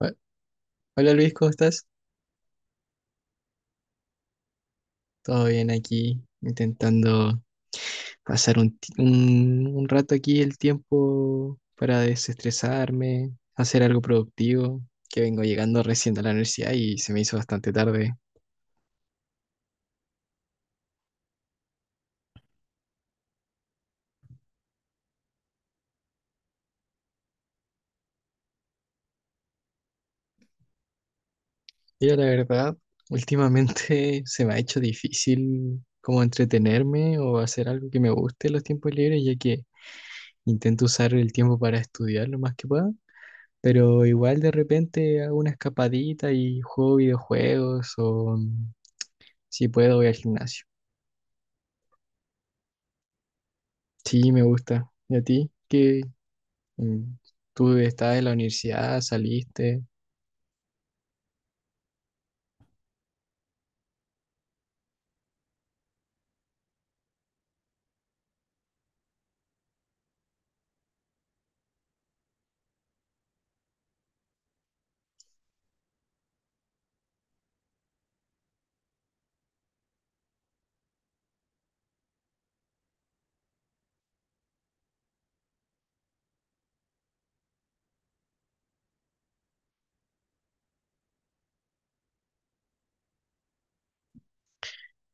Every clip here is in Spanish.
Ho- Hola Luis, ¿cómo estás? Todo bien aquí, intentando pasar un rato aquí el tiempo para desestresarme, hacer algo productivo, que vengo llegando recién a la universidad y se me hizo bastante tarde. Y la verdad, últimamente se me ha hecho difícil como entretenerme o hacer algo que me guste en los tiempos libres, ya que intento usar el tiempo para estudiar lo más que pueda. Pero igual de repente hago una escapadita y juego videojuegos o si puedo, voy al gimnasio. Sí, me gusta. ¿Y a ti? ¿Qué? mm, ¿Tú estás en la universidad? ¿Saliste?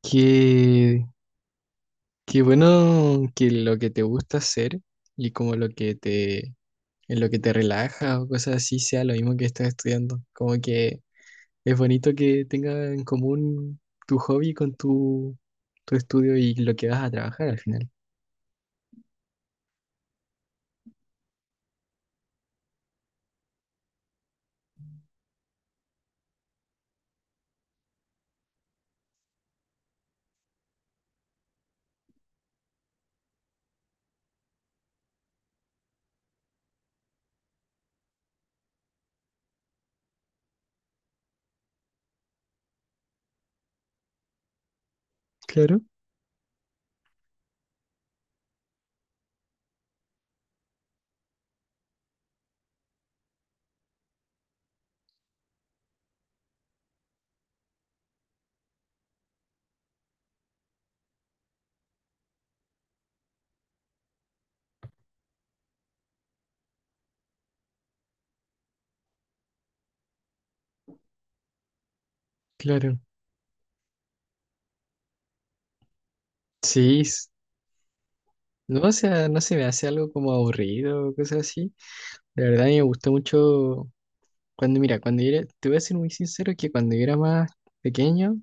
Qué, qué bueno que lo que te gusta hacer y como lo que te, en lo que te relaja o cosas así sea lo mismo que estás estudiando. Como que es bonito que tenga en común tu hobby con tu, tu estudio y lo que vas a trabajar al final. Claro, claro. Sí, s- no, o sea, no se me hace algo como aburrido o cosas así. De verdad, a mí me gustó mucho cuando, mira, cuando yo era, te voy a ser muy sincero que cuando yo era más pequeño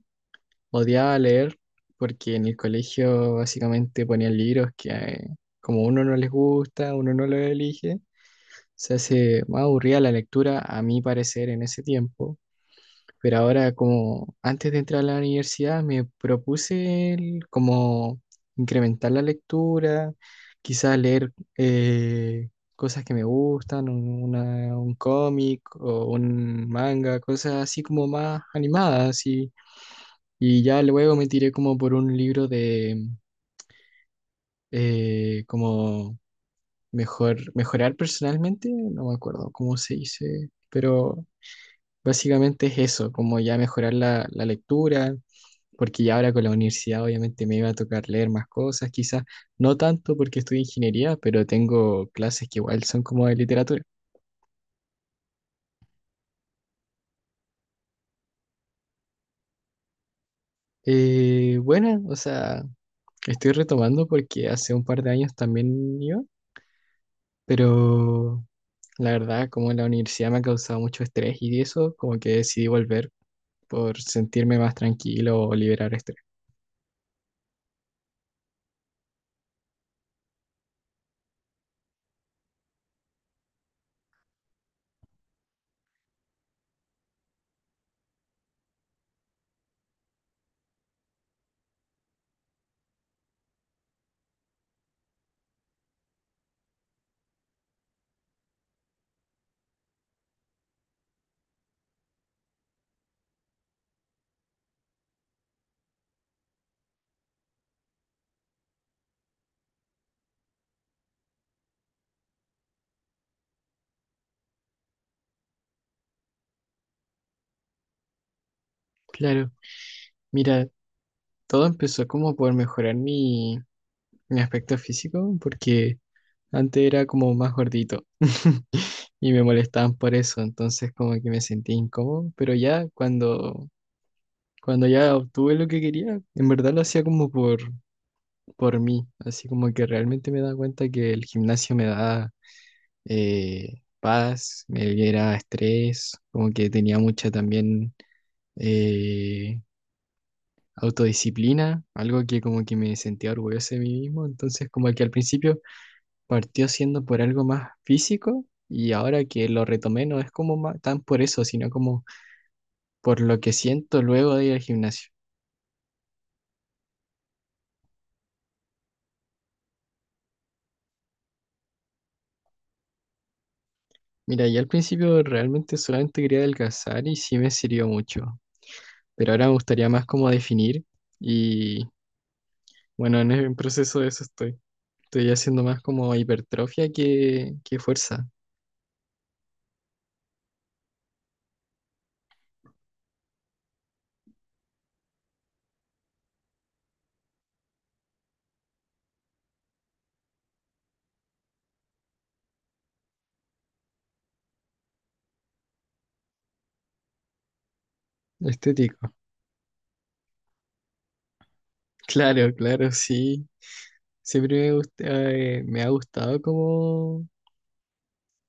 odiaba leer porque en el colegio básicamente ponían libros que como uno no les gusta, uno no los elige, se hace más aburrida la lectura a mi parecer en ese tiempo. Pero ahora, como antes de entrar a la universidad, como incrementar la lectura, quizás leer cosas que me gustan, un cómic o un manga, cosas así como más animadas. Y ya luego me tiré como por un libro de como mejorar personalmente, no me acuerdo cómo se dice, pero básicamente es eso, como ya mejorar la lectura porque ya ahora con la universidad obviamente me iba a tocar leer más cosas, quizás no tanto porque estudio ingeniería, pero tengo clases que igual son como de literatura. Bueno, o sea, estoy retomando porque hace un par de años también iba, pero la verdad como la universidad me ha causado mucho estrés y eso, como que decidí volver por sentirme más tranquilo o liberar estrés. Claro, mira, todo empezó como por mejorar mi aspecto físico, porque antes era como más gordito. Y me molestaban por eso, entonces como que me sentía incómodo, pero ya cuando, cuando ya obtuve lo que quería, en verdad lo hacía como por mí, así como que realmente me daba cuenta que el gimnasio me daba paz, me libera estrés, como que tenía mucha también eh, autodisciplina, algo que como que me sentía orgulloso de mí mismo, entonces como que al principio partió siendo por algo más físico. Y ahora que lo retomé, no es como tan por eso, sino como por lo que siento luego de ir al gimnasio. Mira, yo al principio realmente solamente quería adelgazar y sí me sirvió mucho, pero ahora me gustaría más como definir y bueno, en el proceso de eso estoy. Estoy haciendo más como hipertrofia que fuerza estético. Claro, claro, sí. Siempre me ha gustado como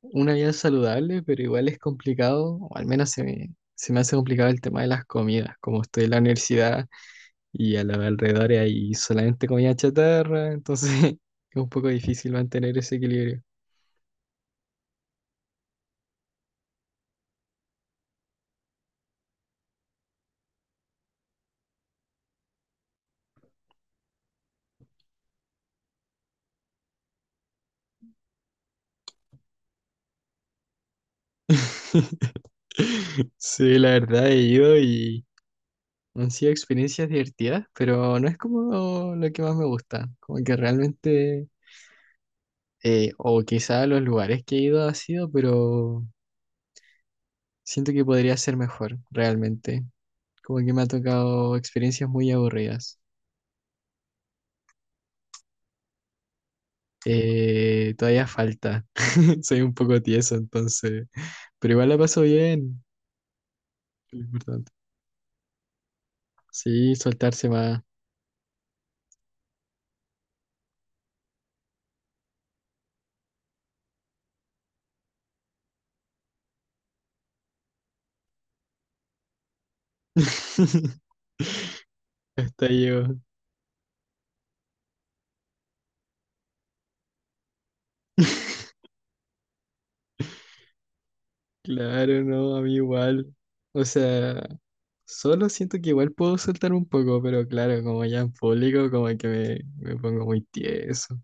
una vida saludable, pero igual es complicado, o al menos se me hace complicado el tema de las comidas, como estoy en la universidad. Y a los alrededores hay solamente comida chatarra, entonces es un poco difícil mantener ese equilibrio. Sí, la verdad he ido y han sido experiencias divertidas, pero no es como lo que más me gusta, como que realmente, o quizá los lugares que he ido ha sido, pero siento que podría ser mejor, realmente, como que me ha tocado experiencias muy aburridas. Todavía falta, soy un poco tieso, entonces... Pero igual la pasó bien. Lo importante. Sí, soltarse más. Hasta yo. Claro, no, a mí igual. O sea, solo siento que igual puedo soltar un poco, pero claro, como ya en público, como que me pongo muy tieso.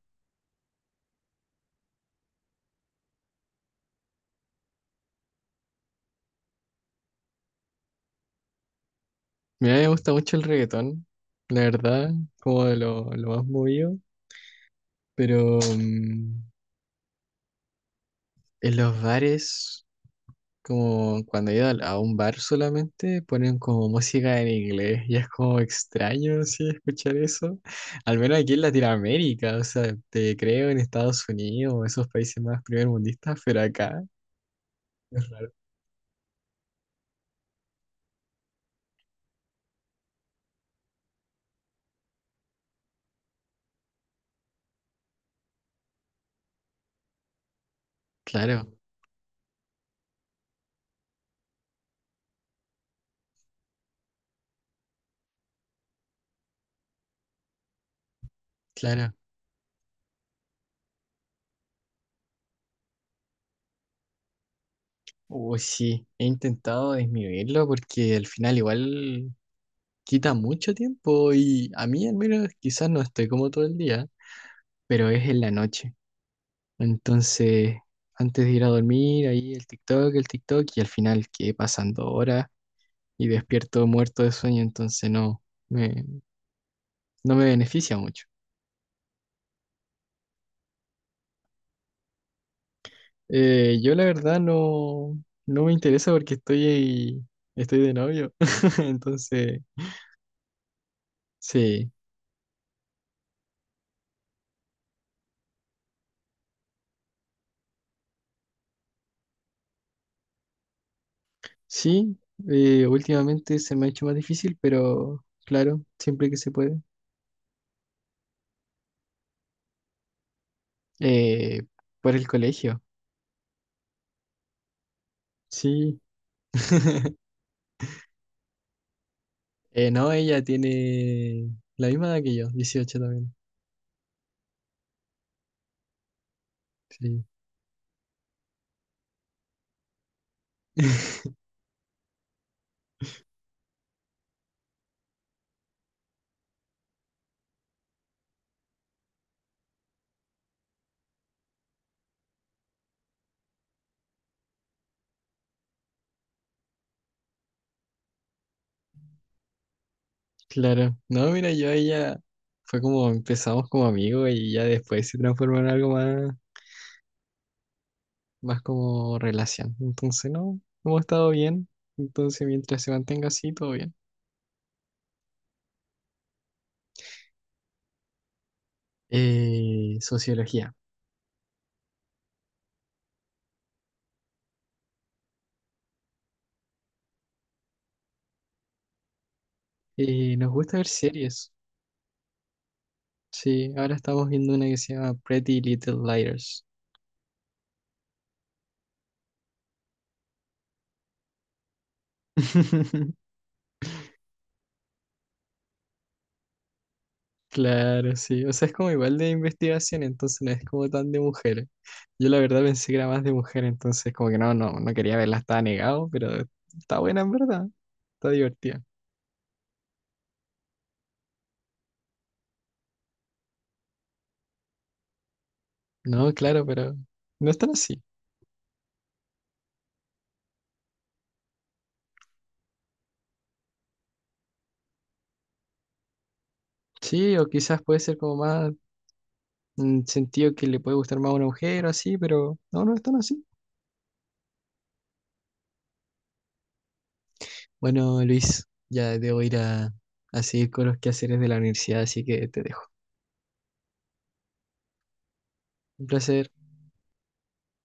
Mira, me gusta mucho el reggaetón, la verdad, como de lo más movido, pero en los bares. Como cuando he ido a un bar solamente ponen como música en inglés y es como extraño, sí, escuchar eso. Al menos aquí en Latinoamérica, o sea, te creo en Estados Unidos o esos países más primermundistas, pero acá es raro. Claro, claro. Uy, sí, he intentado disminuirlo porque al final igual quita mucho tiempo y a mí al menos quizás no estoy como todo el día, pero es en la noche. Entonces, antes de ir a dormir, ahí el TikTok, y al final quedé pasando horas y despierto muerto de sueño, entonces me, no me beneficia mucho. Yo la verdad no me interesa porque estoy de novio. Entonces, sí, sí, últimamente se me ha hecho más difícil, pero claro, siempre que se puede. Eh, por el colegio, sí. No, ella tiene la misma edad que yo, 18 también. Sí. Claro. No, mira, yo a ella fue como empezamos como amigos y ya después se transformó en algo más, más como relación. Entonces, no, hemos estado bien. Entonces, mientras se mantenga así, todo bien. Sociología. Nos gusta ver series. Sí, ahora estamos viendo una que se llama Pretty Little Liars. Claro, sí. O sea, es como igual de investigación, entonces no es como tan de mujeres. Yo la verdad pensé que era más de mujer, entonces como que no, no, no quería verla, estaba negado, pero está buena en verdad, está divertida. No, claro, pero no es tan así. Sí, o quizás puede ser como más sentido que le puede gustar más a una mujer o así, pero no, no es tan así. Bueno, Luis, ya debo ir a seguir con los quehaceres de la universidad, así que te dejo. Un placer.